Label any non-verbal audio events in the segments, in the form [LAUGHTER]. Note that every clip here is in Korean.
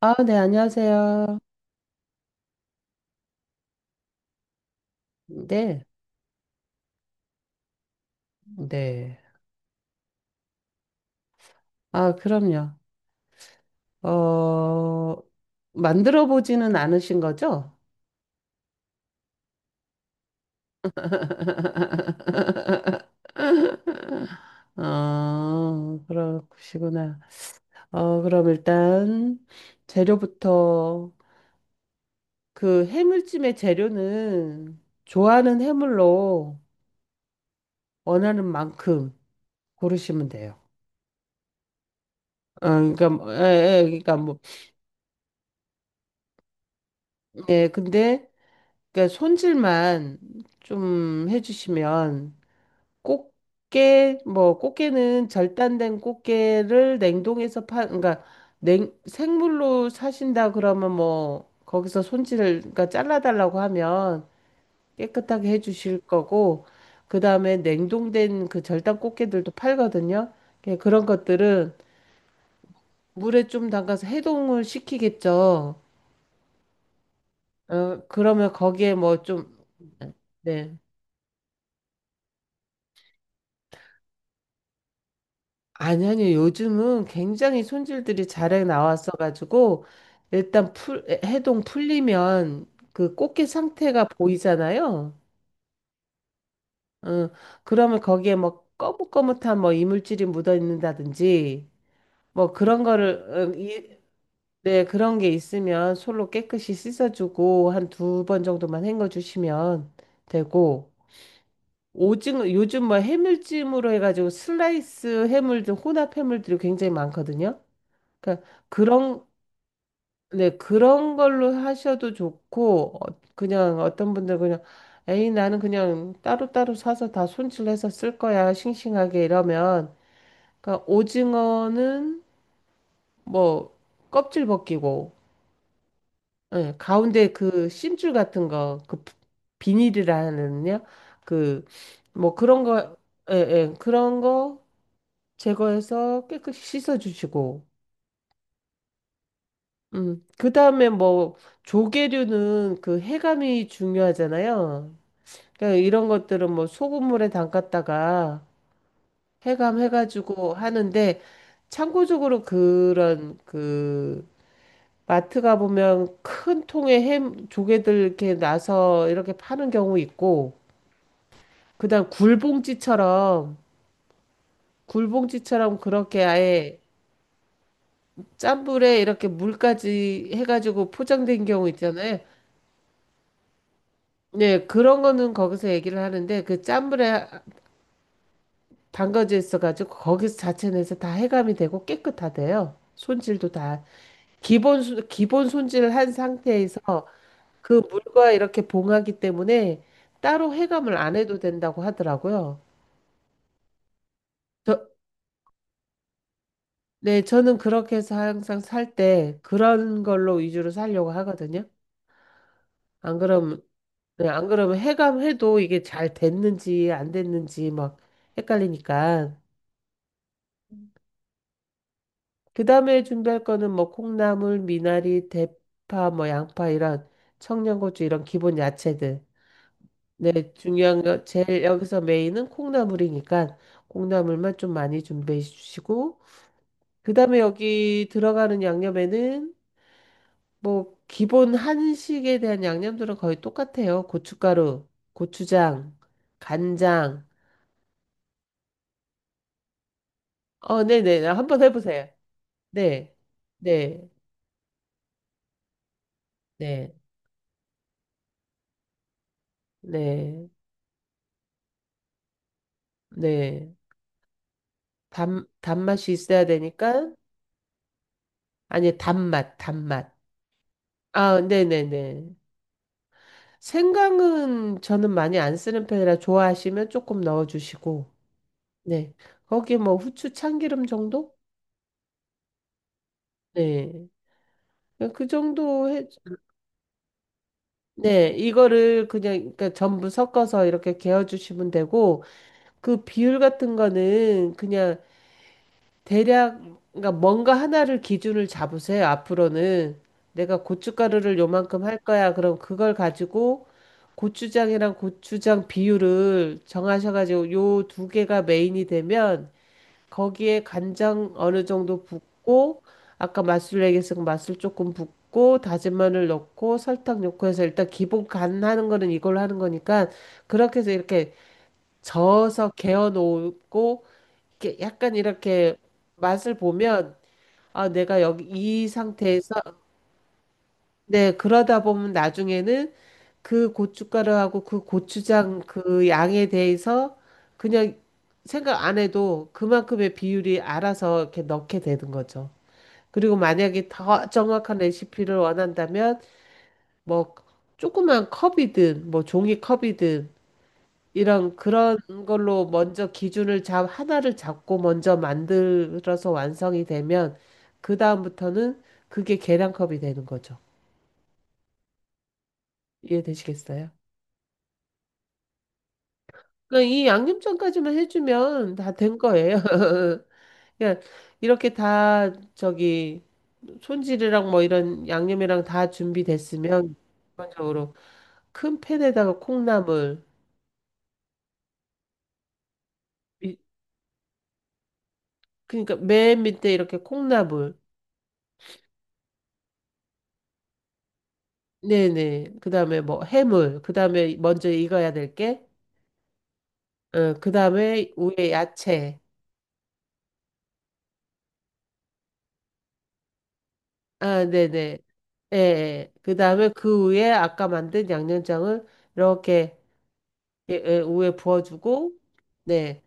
아, 네, 안녕하세요. 네, 네. 아, 그럼요. 어, 만들어 보지는 않으신 거죠? [LAUGHS] 그러시구나. 어, 그럼 일단 재료부터 그 해물찜의 재료는 좋아하는 해물로 원하는 만큼 고르시면 돼요. 어, 그러니까 뭐, 예, 예, 그러니까 뭐, 예, 근데 그러니까 손질만 좀 해주시면 꽃게 뭐 꽃게는 절단된 꽃게를 냉동해서 파 그러니까 냉 생물로 사신다 그러면 뭐 거기서 손질을 그러니까 잘라달라고 하면 깨끗하게 해주실 거고 그다음에 냉동된 그 절단 꽃게들도 팔거든요. 예, 그런 것들은 물에 좀 담가서 해동을 시키겠죠. 어, 그러면 거기에 뭐 좀 네. 아니, 아니, 요즘은 굉장히 손질들이 잘해 나왔어가지고, 일단 풀, 해동 풀리면 그 꽃게 상태가 보이잖아요. 어, 그러면 거기에 뭐 거뭇거뭇한 뭐 이물질이 묻어 있는다든지, 뭐 그런 거를, 네, 그런 게 있으면 솔로 깨끗이 씻어주고, 한 두 번 정도만 헹궈주시면 되고, 오징어, 요즘 뭐 해물찜으로 해가지고 슬라이스 해물들, 혼합 해물들이 굉장히 많거든요. 그러니까 그런 네, 그런 걸로 하셔도 좋고, 어, 그냥 어떤 분들 그냥, 에이, 나는 그냥 따로따로 사서 다 손질해서 쓸 거야, 싱싱하게 이러면. 그러니까 오징어는 뭐, 껍질 벗기고, 예, 가운데 그 심줄 같은 거, 그 비닐이라는요? 그, 뭐 그런 거, 예, 예, 그런 거 제거해서 깨끗이 씻어주시고, 그 다음에 뭐, 조개류는 그 해감이 중요하잖아요. 그러니까 이런 것들은 뭐 소금물에 담갔다가 해감해가지고 하는데 참고적으로 그런 그 마트 가보면 큰 통에 햄 조개들 이렇게 나서 이렇게 파는 경우 있고 그다음 굴봉지처럼 그렇게 아예 짠불에 이렇게 물까지 해가지고 포장된 경우 있잖아요. 네, 그런 거는 거기서 얘기를 하는데 그 짠불에 담가져 있어가지고 거기서 자체 내서 다 해감이 되고 깨끗하대요. 손질도 다 기본 손질을 한 상태에서 그 물과 이렇게 봉하기 때문에 따로 해감을 안 해도 된다고 하더라고요. 저, 네, 저는 그렇게 해서 항상 살 때 그런 걸로 위주로 살려고 하거든요. 안 그러면 네, 안 그러면 해감해도 이게 잘 됐는지 안 됐는지 막 헷갈리니까. 그 다음에 준비할 거는 뭐 콩나물, 미나리, 대파, 뭐 양파 이런 청양고추 이런 기본 야채들. 네, 중요한 거 제일 여기서 메인은 콩나물이니까 콩나물만 좀 많이 준비해 주시고 그 다음에 여기 들어가는 양념에는 뭐 기본 한식에 대한 양념들은 거의 똑같아요. 고춧가루, 고추장, 간장. 네네. 한번 해보세요. 네, 네, 네, 네, 네. 단, 단맛이 있어야 되니까, 아니, 단맛, 단맛. 아, 네네네. 생강은 저는 많이 안 쓰는 편이라 좋아하시면 조금 넣어주시고, 네. 거기 뭐 후추 참기름 정도? 네. 그 정도 해, 네. 이거를 그냥, 그러니까 전부 섞어서 이렇게 개어주시면 되고, 그 비율 같은 거는 그냥 대략 그러니까 뭔가 하나를 기준을 잡으세요. 앞으로는 내가 고춧가루를 요만큼 할 거야. 그럼 그걸 가지고 고추장 비율을 정하셔가지고 요 두 개가 메인이 되면 거기에 간장 어느 정도 붓고 아까 맛술 얘기했으니까 맛술 조금 붓고 다진 마늘 넣고 설탕 넣고 해서 일단 기본 간 하는 거는 이걸로 하는 거니까 그렇게 해서 이렇게 저어서 개어 놓고 이렇게 약간 이렇게 맛을 보면 아 내가 여기 이 상태에서 네 그러다 보면 나중에는 그 고춧가루하고 그 고추장 그 양에 대해서 그냥 생각 안 해도 그만큼의 비율이 알아서 이렇게 넣게 되는 거죠. 그리고 만약에 더 정확한 레시피를 원한다면 뭐 조그만 컵이든 뭐 종이컵이든 이런 그런 걸로 먼저 기준을 잡 하나를 잡고 먼저 만들어서 완성이 되면 그 다음부터는 그게 계량컵이 되는 거죠. 이해되시겠어요? 그러니까 이 양념장까지만 해주면 다 된 거예요. [LAUGHS] 그냥 이렇게 다 저기 손질이랑 뭐 이런 양념이랑 다 준비됐으면 기본적으로 큰 팬에다가 콩나물 이- 그러니까 맨 밑에 이렇게 콩나물 네네. 그다음에 뭐 해물, 그다음에 먼저 익어야 될 게, 어, 그다음에 위에 야채. 아, 네네. 예, 예. 그다음에 그 위에 아까 만든 양념장을 이렇게 예, 예, 위에 부어주고, 네.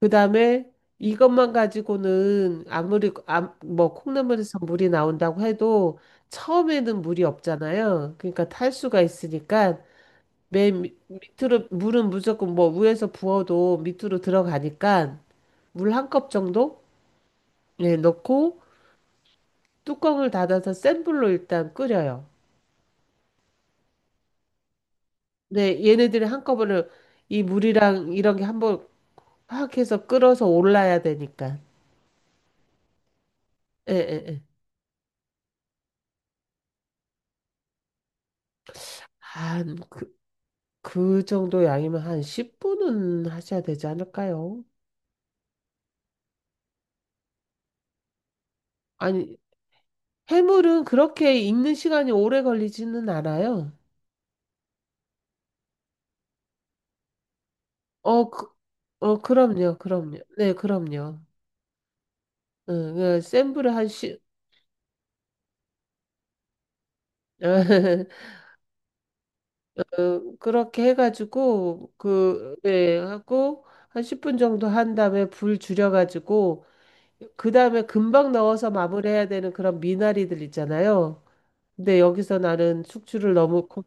그다음에 이것만 가지고는 아무리 아, 뭐 콩나물에서 물이 나온다고 해도 처음에는 물이 없잖아요. 그러니까 탈수가 있으니까 밑으로 물은 무조건 뭐 위에서 부어도 밑으로 들어가니까. 물 한 컵 정도 예, 넣고 뚜껑을 닫아서 센 불로 일단 끓여요. 근데 얘네들이 한꺼번에 이 물이랑 이런 게 한번 확 해서 끓어서 올라야 되니까. 예, 예, 예. 한 그, 그 정도 양이면 한 10분은 하셔야 되지 않을까요? 아니, 해물은 그렇게 익는 시간이 오래 걸리지는 않아요. 어, 그, 어, 그럼요, 그럼요. 네, 그럼요. 응, 그 센 불에 한 10, [LAUGHS] 그, 그렇게 해가지고 그 예, 하고 한 10분 정도 한 다음에 불 줄여가지고 그 다음에 금방 넣어서 마무리해야 되는 그런 미나리들 있잖아요. 근데 여기서 나는 숙주를 너무 고-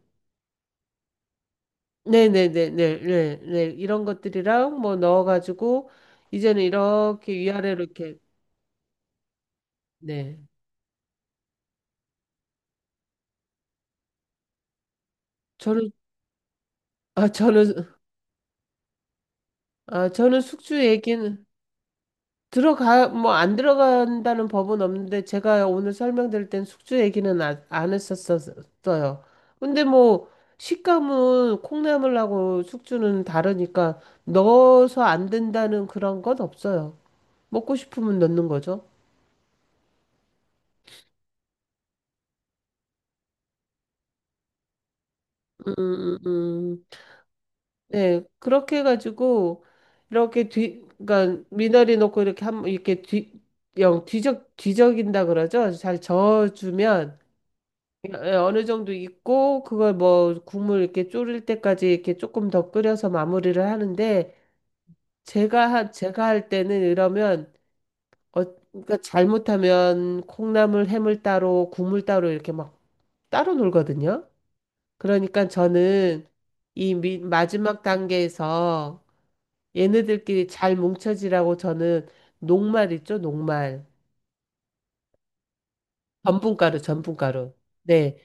네네네네 네, 네 네, 이런 것들이랑 뭐 넣어가지고 이제는 이렇게 위아래로 이렇게 네 저는 아 저는 저는 숙주 얘기는 들어가, 뭐, 안 들어간다는 법은 없는데, 제가 오늘 설명드릴 땐 숙주 얘기는 아, 안 했었어요. 근데 뭐, 식감은 콩나물하고 숙주는 다르니까, 넣어서 안 된다는 그런 건 없어요. 먹고 싶으면 넣는 거죠. 음, 음, 음. 음. 네, 그렇게 해가지고, 그러니까 미나리 넣고 이렇게 한, 이렇게 뒤, 영, 뒤적, 뒤적인다 그러죠? 잘 저어주면, 예, 어느 정도 있고 그걸 뭐 국물 이렇게 졸일 때까지 이렇게 조금 더 끓여서 마무리를 하는데 제가 할 때는 이러면 어 그러니까 잘못하면 콩나물 해물 따로 국물 따로 이렇게 막 따로 놀거든요. 그러니까 저는 마지막 단계에서 얘네들끼리 잘 뭉쳐지라고 저는 녹말 있죠, 녹말. 전분가루. 네.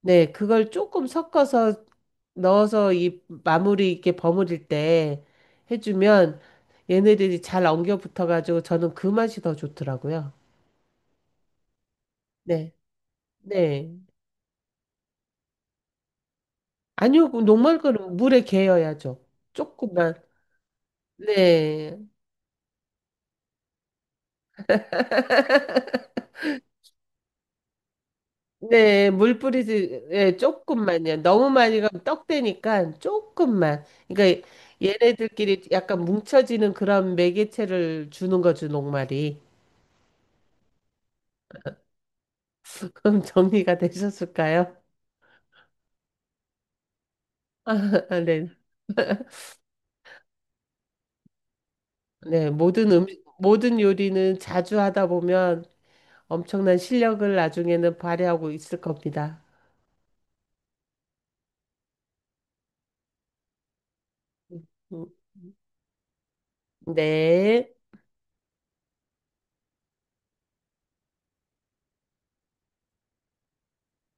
네, 그걸 조금 섞어서 넣어서 이 마무리 이렇게 버무릴 때 해주면 얘네들이 잘 엉겨 붙어가지고 저는 그 맛이 더 좋더라고요. 네, 네. 아니요, 그 녹말거는 물에 개어야죠. 조금만. 네, 네, 물 뿌리지, 예, 조금만요. 너무 많이 가면 떡되니까 조금만. 그러니까 얘네들끼리 약간 뭉쳐지는 그런 매개체를 주는 거죠, 녹말이. [LAUGHS] 그럼 정리가 되셨을까요? 아, 네. 네, 모든 모든 요리는 자주 하다 보면 엄청난 실력을 나중에는 발휘하고 있을 겁니다. 음, 음, 네.